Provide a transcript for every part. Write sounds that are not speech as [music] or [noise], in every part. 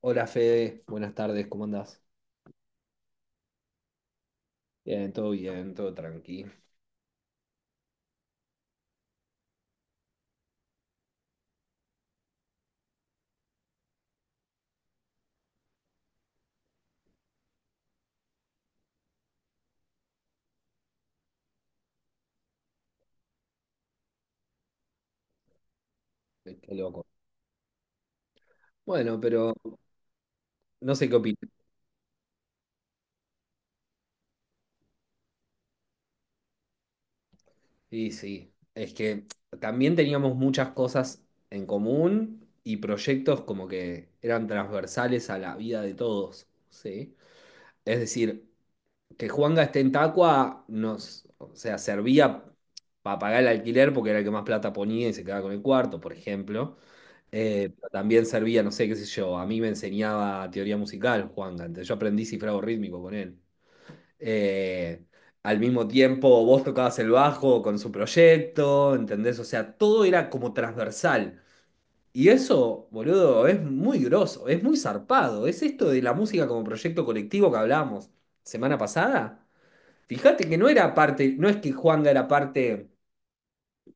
Hola Fede, buenas tardes, ¿cómo andás? Bien, todo tranqui. Qué loco. Bueno, pero no sé qué opinas. Sí, sí. Es que también teníamos muchas cosas en común y proyectos como que eran transversales a la vida de todos, ¿sí? Es decir, que Juanga esté en Tacua nos, o sea, servía para pagar el alquiler porque era el que más plata ponía y se quedaba con el cuarto, por ejemplo. Pero también servía, no sé, qué sé yo, a mí me enseñaba teoría musical, Juan, antes yo aprendí cifrado rítmico con él. Eh, al mismo tiempo, vos tocabas el bajo con su proyecto, ¿entendés? O sea, todo era como transversal. Y eso, boludo, es muy groso, es muy zarpado. Es esto de la música como proyecto colectivo que hablábamos semana pasada. Fíjate que no era parte, no es que Juanga era parte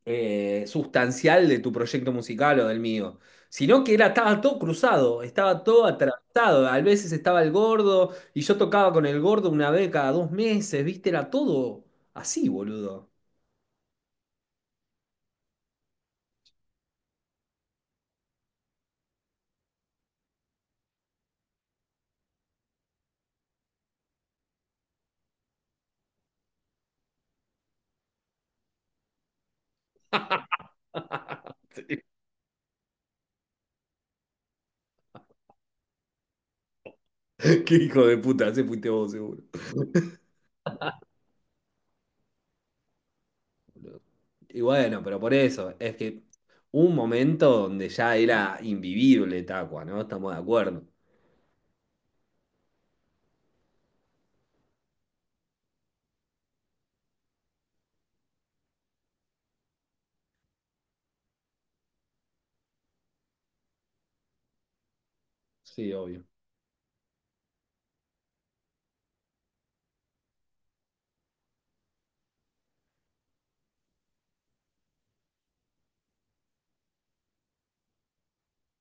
sustancial de tu proyecto musical o del mío, sino que era, estaba todo cruzado, estaba todo atravesado. A veces estaba el gordo y yo tocaba con el gordo una vez cada dos meses, ¿viste? Era todo así, boludo. [laughs] Sí. Qué hijo de puta, ese fuiste vos, seguro. Y bueno, pero por eso, es que un momento donde ya era invivible Tacua, ¿no? Estamos de acuerdo. Sí, obvio.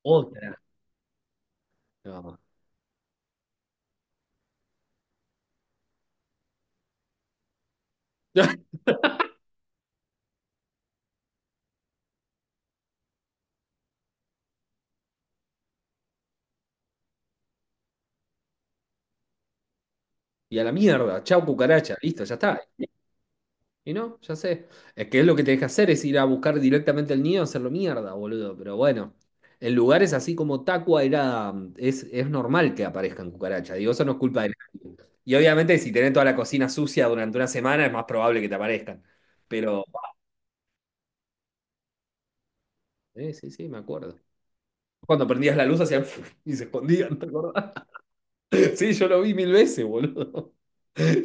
Otra. No. [laughs] Y a la mierda, chau cucaracha, listo, ya está. Y no, ya sé. Es que es lo que tenés que hacer, es ir a buscar directamente el nido, hacerlo mierda, boludo. Pero bueno, en lugares así como Tacua era, es normal que aparezcan cucarachas. Digo, eso no es culpa de nadie. Y obviamente si tenés toda la cocina sucia durante una semana es más probable que te aparezcan. Pero, sí, sí, me acuerdo. Cuando prendías la luz hacían [laughs] y se escondían, ¿te acordás? Sí, yo lo vi mil veces, boludo. [laughs]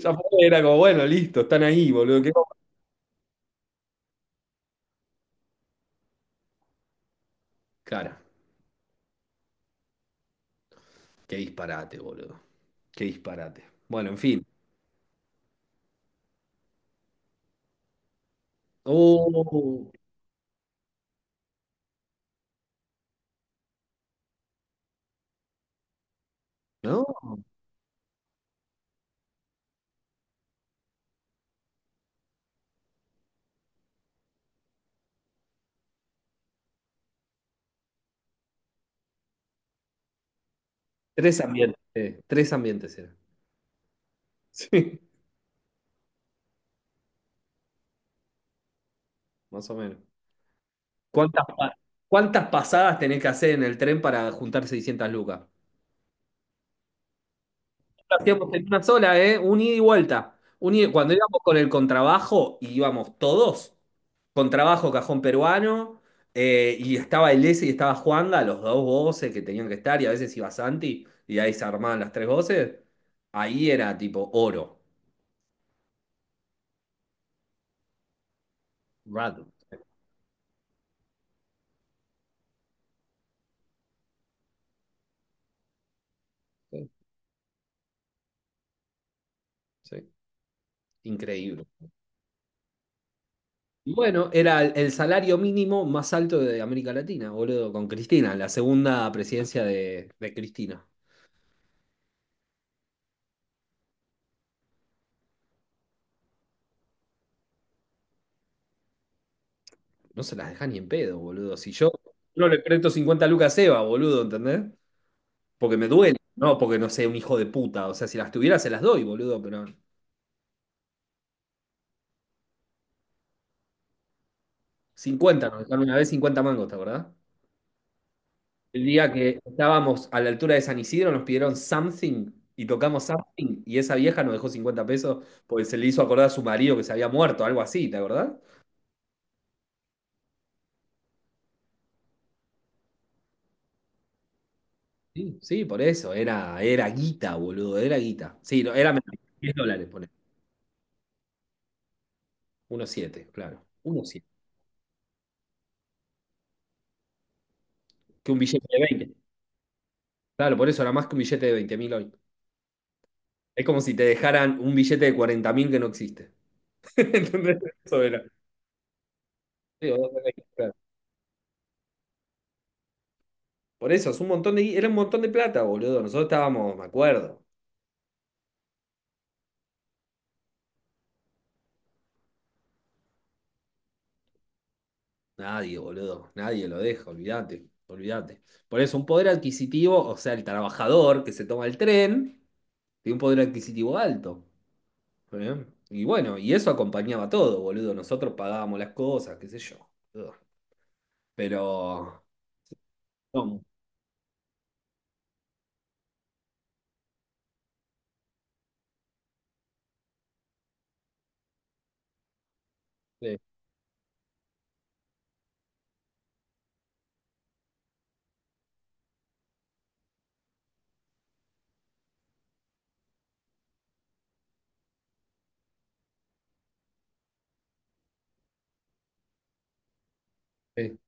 Ya fue, era como, bueno, listo, están ahí, boludo. Qué... Cara, qué disparate, boludo. Qué disparate. Bueno, en fin. Oh, no. Tres ambientes era. [laughs] Sí, más o menos. ¿Cuántas, pa- cuántas pasadas tenés que hacer en el tren para juntar 600 lucas? Lo Hacíamos en una sola, ¿eh? Un ida y vuelta. Cuando íbamos con el contrabajo, íbamos todos. Contrabajo, cajón peruano, y estaba el ese y estaba Juanga, los dos voces que tenían que estar, y a veces iba Santi, y ahí se armaban las tres voces. Ahí era tipo oro. Raro. Sí, sí. Increíble. Bueno, era el salario mínimo más alto de América Latina, boludo, con Cristina, la segunda presidencia de Cristina. No se las deja ni en pedo, boludo. Si yo no le presto 50 lucas a Eva, boludo, ¿entendés? Porque me duele, no porque no sea un hijo de puta. O sea, si las tuviera se las doy, boludo, pero 50, nos dejaron una vez 50 mangos, ¿te acordás? El día que estábamos a la altura de San Isidro nos pidieron something y tocamos something y esa vieja nos dejó 50 pesos porque se le hizo acordar a su marido que se había muerto, algo así, ¿te acordás? Sí, sí, por eso, era, era guita, boludo, era guita. Sí, no, era menos, 10 dólares, pone. 1,7, claro. 1,7. Que un billete de veinte. Claro, por eso era más que un billete de 20.000 hoy. Es como si te dejaran un billete de 40.000 que no existe. [laughs] ¿Entendés? Eso era. Sí, o dos de 20, claro. Por eso, es un montón de, era un montón de plata, boludo. Nosotros estábamos, me acuerdo. Nadie, boludo, nadie lo deja, olvídate, olvídate. Por eso, un poder adquisitivo, o sea, el trabajador que se toma el tren, tiene un poder adquisitivo alto. ¿Eh? Y bueno, y eso acompañaba todo, boludo. Nosotros pagábamos las cosas, qué sé yo. Ugh. Pero... No, sí, sí,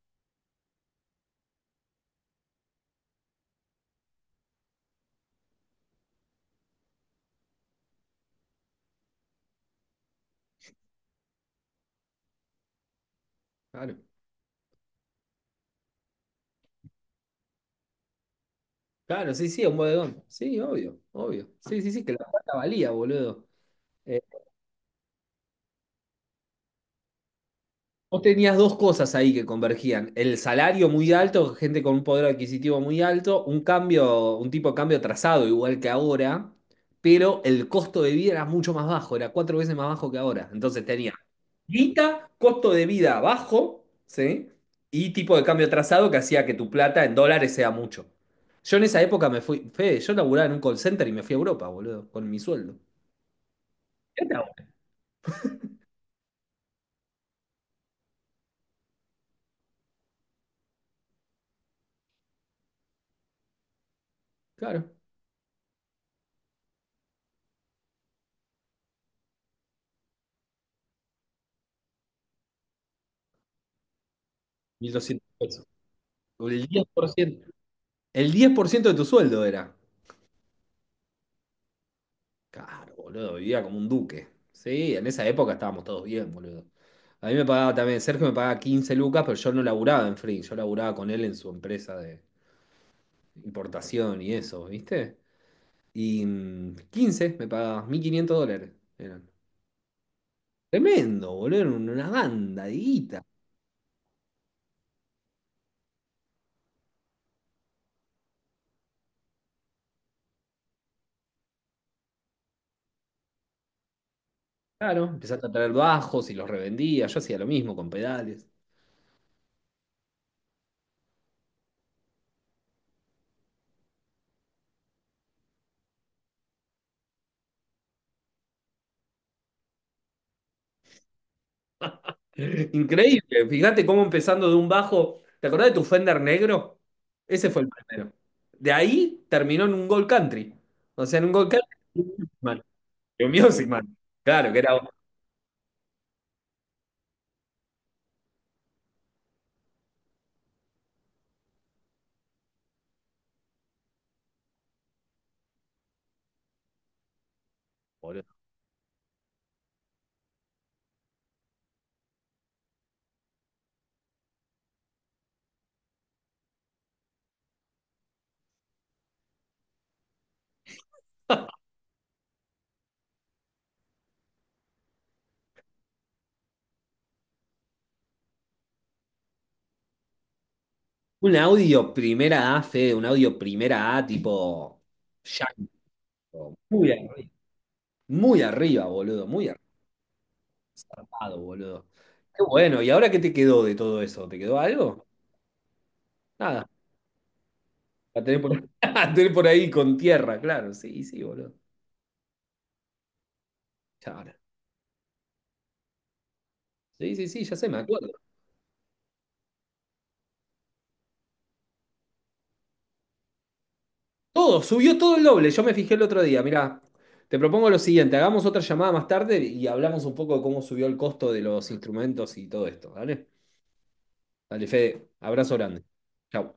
claro. Claro, sí, sí, un bodegón. Sí, obvio, obvio. Sí, sí, sí, que la plata valía, boludo. Vos tenías dos cosas ahí que convergían. El salario muy alto, gente con un poder adquisitivo muy alto, un cambio, un tipo de cambio trazado igual que ahora, pero el costo de vida era mucho más bajo, era cuatro veces más bajo que ahora. Entonces tenía guita, costo de vida bajo, ¿sí? Y tipo de cambio trazado que hacía que tu plata en dólares sea mucho. Yo en esa época me fui, Fede, yo laburaba en un call center y me fui a Europa, boludo, con mi sueldo. ¿Qué te hago? Claro, 1.200 pesos. El 10%. El 10% de tu sueldo era. Claro, boludo, vivía como un duque. Sí, en esa época estábamos todos bien, boludo. A mí me pagaba también, Sergio me pagaba 15 lucas, pero yo no laburaba en Free, yo laburaba con él en su empresa de importación y eso, ¿viste? Y 15 me pagaba, 1.500 dólares eran. Tremendo, boludo, era una banda de guita. Claro, empezaste a traer bajos y los revendía, yo hacía lo mismo con pedales. Increíble. Fíjate cómo empezando de un bajo. ¿Te acordás de tu Fender negro? Ese fue el primero. De ahí terminó en un Gold Country. O sea, en un Gold Country. Un Music Man. Un Music Man. Claro, que era. Boludo. Un audio primera A, Fede, un audio primera A tipo llanto. Muy arriba. Muy arriba, boludo. Muy arribado, boludo. Qué bueno. ¿Y ahora qué te quedó de todo eso? ¿Te quedó algo? Nada. La tenés por, [laughs] la tenés por ahí con tierra, claro. Sí, sí, boludo. Chao. Sí, sí, sí, ya sé, me acuerdo. Todo, subió todo el doble. Yo me fijé el otro día. Mirá, te propongo lo siguiente: hagamos otra llamada más tarde y hablamos un poco de cómo subió el costo de los instrumentos y todo esto. ¿Dale? Dale, Fede, abrazo grande. Chau.